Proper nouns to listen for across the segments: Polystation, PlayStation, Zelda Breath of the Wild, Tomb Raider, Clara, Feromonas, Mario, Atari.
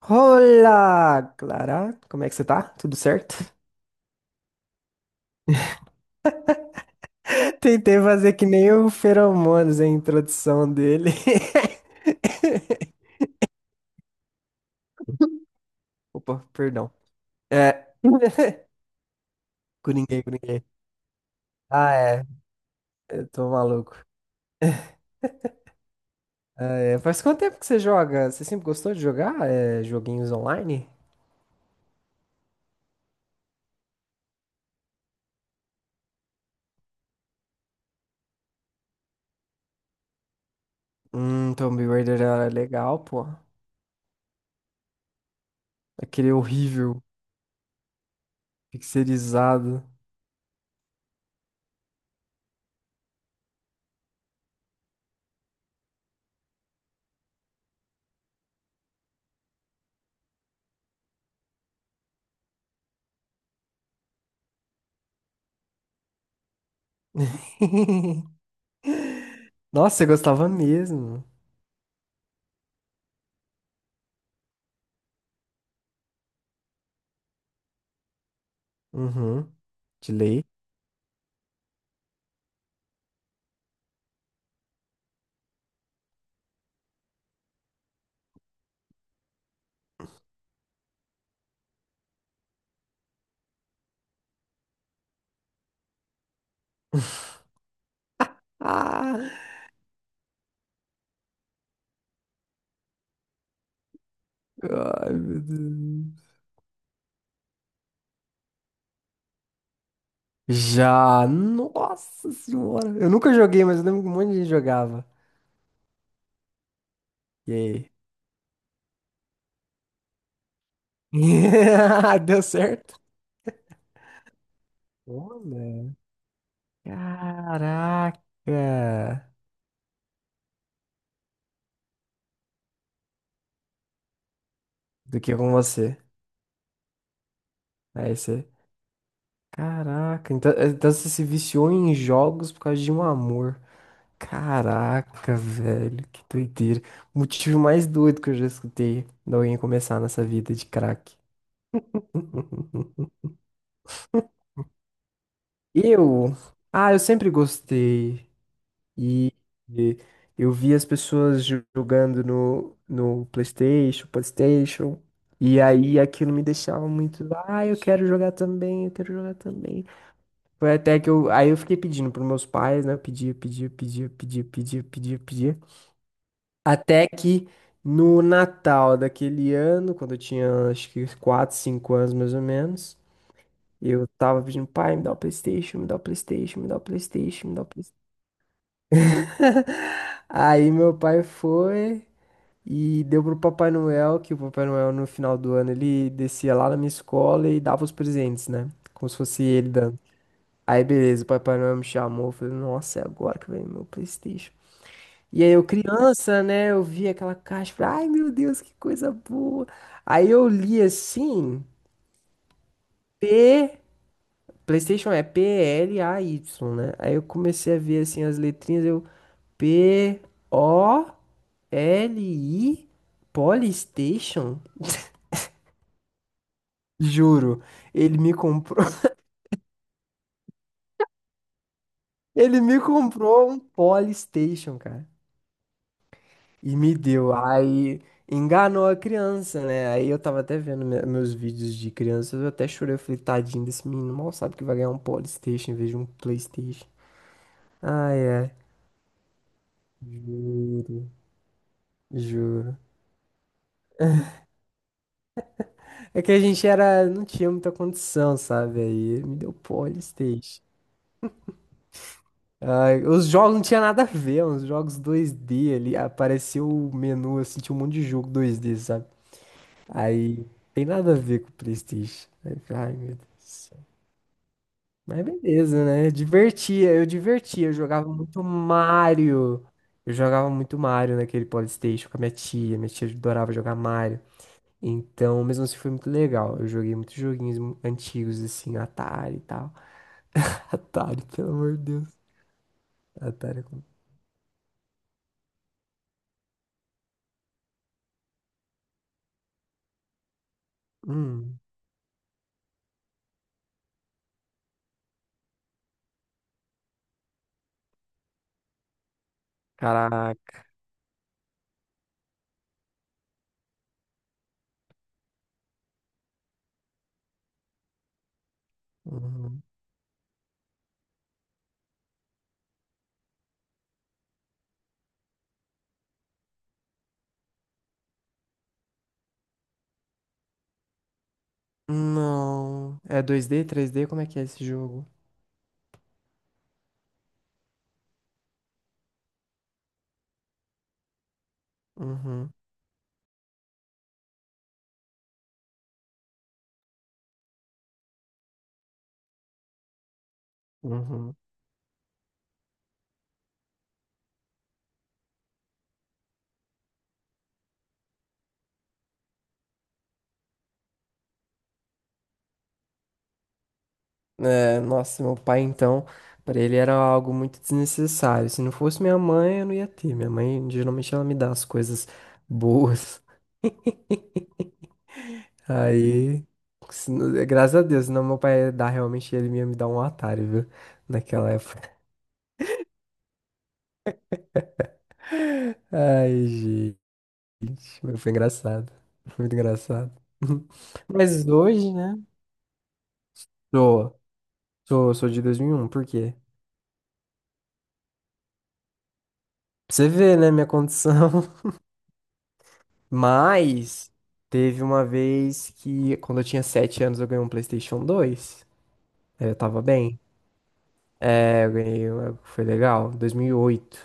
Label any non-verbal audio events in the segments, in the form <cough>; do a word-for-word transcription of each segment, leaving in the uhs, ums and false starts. Olá, Clara. Como é que você tá? Tudo certo? <laughs> Tentei fazer que nem o Feromonas, a introdução dele. <laughs> Opa, perdão. É. <laughs> Coringuei, coringuei. Ah, é. Eu tô maluco. <laughs> Ah, é. Faz quanto tempo que você joga? Você sempre gostou de jogar é, joguinhos online? Hum, Tomb Raider era legal, pô. Aquele horrível, pixelizado. <laughs> Nossa, você gostava mesmo. Uhum. De lei. <laughs> Ah, ai, meu Deus. Já, nossa senhora. Eu nunca joguei, mas eu lembro que um monte de gente jogava. E aí? <laughs> Deu certo? Olha. Caraca. Do que com você? Aí você. Caraca. Então, então você se viciou em jogos por causa de um amor. Caraca, velho. Que doideira. O motivo mais doido que eu já escutei de alguém começar nessa vida de crack. <laughs> Eu, ah, eu sempre gostei e, e eu vi as pessoas jo- jogando no, no PlayStation, PlayStation, e aí aquilo me deixava muito, ah, eu quero jogar também, eu quero jogar também. Foi até que eu, Aí eu fiquei pedindo pros meus pais, né? Eu pedia, pedia, pedia, pedia, pedia, pedia, pedia. Até que no Natal daquele ano, quando eu tinha acho que quatro cinco anos mais ou menos, eu tava pedindo, pai, me dá o PlayStation, me dá o PlayStation, me dá o PlayStation, me dá o PlayStation. <laughs> Aí meu pai foi e deu pro Papai Noel, que o Papai Noel no final do ano ele descia lá na minha escola e dava os presentes, né? Como se fosse ele dando. Aí beleza, o Papai Noel me chamou, eu falei, nossa, é agora que vem meu PlayStation. E aí eu criança, né, eu vi aquela caixa, falei, ai meu Deus, que coisa boa. Aí eu li assim, P, PlayStation é P L A Y, né? Aí eu comecei a ver assim as letrinhas, eu P-O... li Polystation? Juro, ele me comprou. <laughs> Ele me comprou um Polystation, cara. E me deu. Aí enganou a criança, né? Aí eu tava até vendo me- meus vídeos de criança, eu até chorei, eu falei, tadinho desse menino, mal sabe que vai ganhar um Polystation em vez de um PlayStation. Ai, é. Juro, juro. É que a gente era, não tinha muita condição, sabe? Aí ele me deu Polystation. Ai, os jogos não tinha nada a ver, uns jogos dois D ali. Apareceu o menu, assim, tinha um monte de jogo dois D, sabe? Aí, tem nada a ver com o PlayStation. Aí, eu falei, ai, meu Deus. do céu. Mas beleza, né? Divertia, eu divertia. Eu jogava muito Mario. Eu jogava muito Mario naquele PlayStation com a minha tia. Minha tia adorava jogar Mario. Então, mesmo assim, foi muito legal. Eu joguei muitos joguinhos mu- antigos, assim, Atari e tal. <laughs> Atari, pelo amor de Deus. Atari. é com- Hum. Caraca. Uhum. Não. É dois D, três D? Como é que é esse jogo? Uhum. Uhum. É, nossa, meu pai então, pra ele era algo muito desnecessário. Se não fosse minha mãe, eu não ia ter. Minha mãe, geralmente, ela me dá as coisas boas. <laughs> Aí, se não- é, graças a Deus, senão meu pai ia dar realmente, ele ia me dar um Atari, viu? Naquela época. <laughs> Ai, gente, mas foi engraçado. Foi muito engraçado. <laughs> Mas hoje, né? Sou, sou, sou de dois mil e um por quê? Pra você ver, né, minha condição. <laughs> Mas teve uma vez que, quando eu tinha sete anos, eu ganhei um PlayStation dois. É, Eu tava bem. É, eu ganhei, eu- foi legal. dois mil e oito.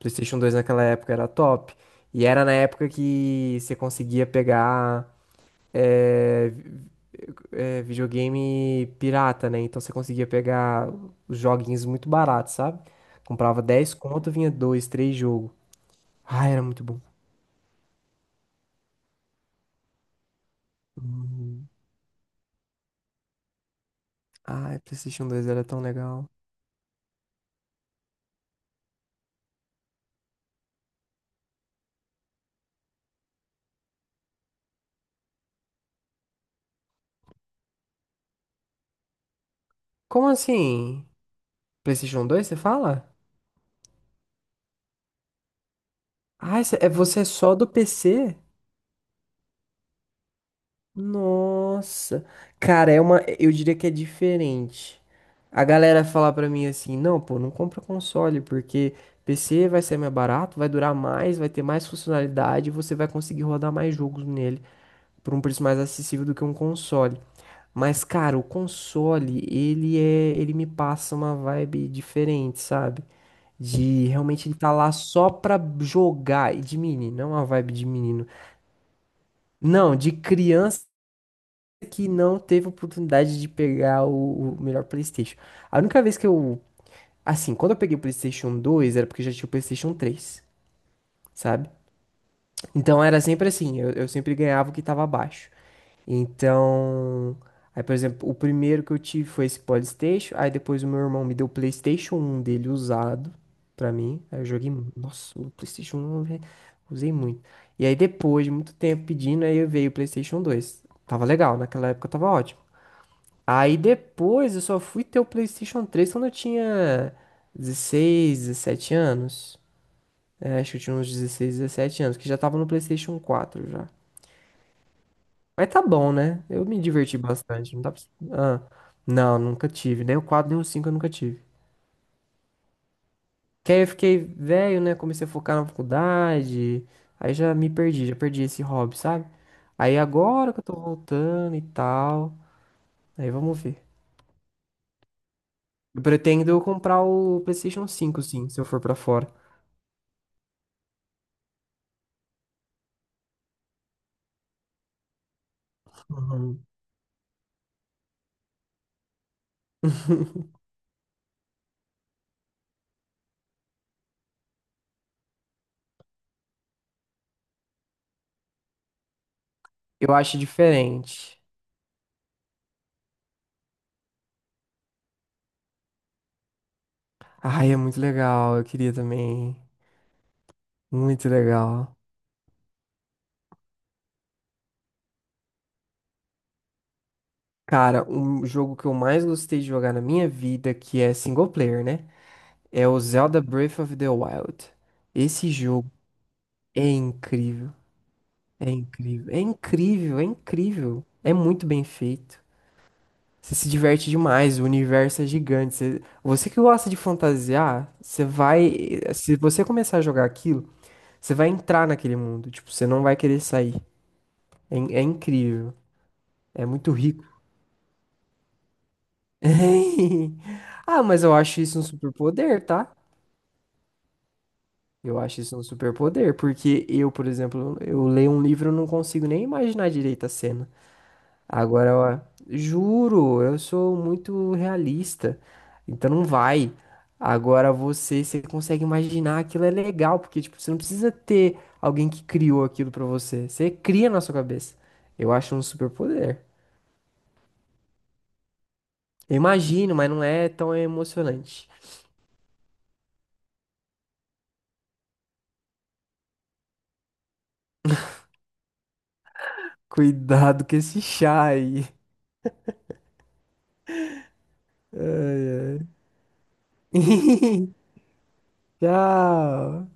PlayStation dois naquela época era top. E era na época que você conseguia pegar é, vi- é, videogame pirata, né? Então você conseguia pegar os joguinhos muito baratos, sabe? Comprava dez, conto, vinha dois, três jogos. Ah, era muito bom. Hum. Ai, PlayStation dois era tão legal. Como assim? PlayStation dois, você fala? Ah, cê- é você é só do P C? Nossa. Cara, é uma, eu diria que é diferente. A galera fala pra mim assim: "Não, pô, não compra console porque P C vai ser mais barato, vai durar mais, vai ter mais funcionalidade, e você vai conseguir rodar mais jogos nele por um preço mais acessível do que um console". Mas, cara, o console, ele é, ele me passa uma vibe diferente, sabe? De realmente ele tá lá só pra jogar. E de menino, não é uma vibe de menino. Não, de criança que não teve oportunidade de pegar o, o melhor PlayStation. A única vez que eu. Assim, quando eu peguei o PlayStation dois, era porque eu já tinha o PlayStation três, sabe? Então era sempre assim, eu, eu sempre ganhava o que tava abaixo. Então, aí, por exemplo, o primeiro que eu tive foi esse PlayStation. Aí depois o meu irmão me deu o PlayStation um dele usado pra mim. Aí eu joguei, mu- nossa, o PlayStation um eu re- usei muito. E aí depois de muito tempo pedindo, aí veio o PlayStation dois. Tava legal, naquela época tava ótimo. Aí depois eu só fui ter o PlayStation três quando eu tinha dezesseis dezessete anos. É, acho que eu tinha uns dezesseis dezessete anos, que já tava no PlayStation quatro já. Mas tá bom, né? Eu me diverti bastante. Não dá pra... Ah, não, nunca tive. Nem o quatro, nem o cinco eu nunca tive. Que aí eu fiquei velho, né? Comecei a focar na faculdade. Aí já me perdi, já perdi esse hobby, sabe? Aí agora que eu tô voltando e tal. Aí vamos ver. Eu pretendo comprar o PlayStation cinco sim, se eu for pra fora. Uhum. <laughs> Eu acho diferente. Ai, é muito legal. Eu queria também. Muito legal. Cara, um jogo que eu mais gostei de jogar na minha vida, que é single player, né? É o Zelda Breath of the Wild. Esse jogo é incrível, é incrível, é incrível, é incrível. É muito bem feito. Você se diverte demais, o universo é gigante. Você, você que gosta de fantasiar, você vai, se você começar a jogar aquilo, você vai entrar naquele mundo, tipo, você não vai querer sair. É, in- é incrível, é muito rico. <laughs> Ah, mas eu acho isso um superpoder, tá? Eu acho isso um superpoder, porque eu, por exemplo, eu leio um livro e não consigo nem imaginar direito a cena. Agora, ó, juro, eu sou muito realista, então não vai. Agora você, você consegue imaginar aquilo é legal, porque tipo, você não precisa ter alguém que criou aquilo pra você. Você cria na sua cabeça. Eu acho um superpoder. Eu imagino, mas não é tão emocionante. Cuidado com esse chá aí. <laughs> Tchau.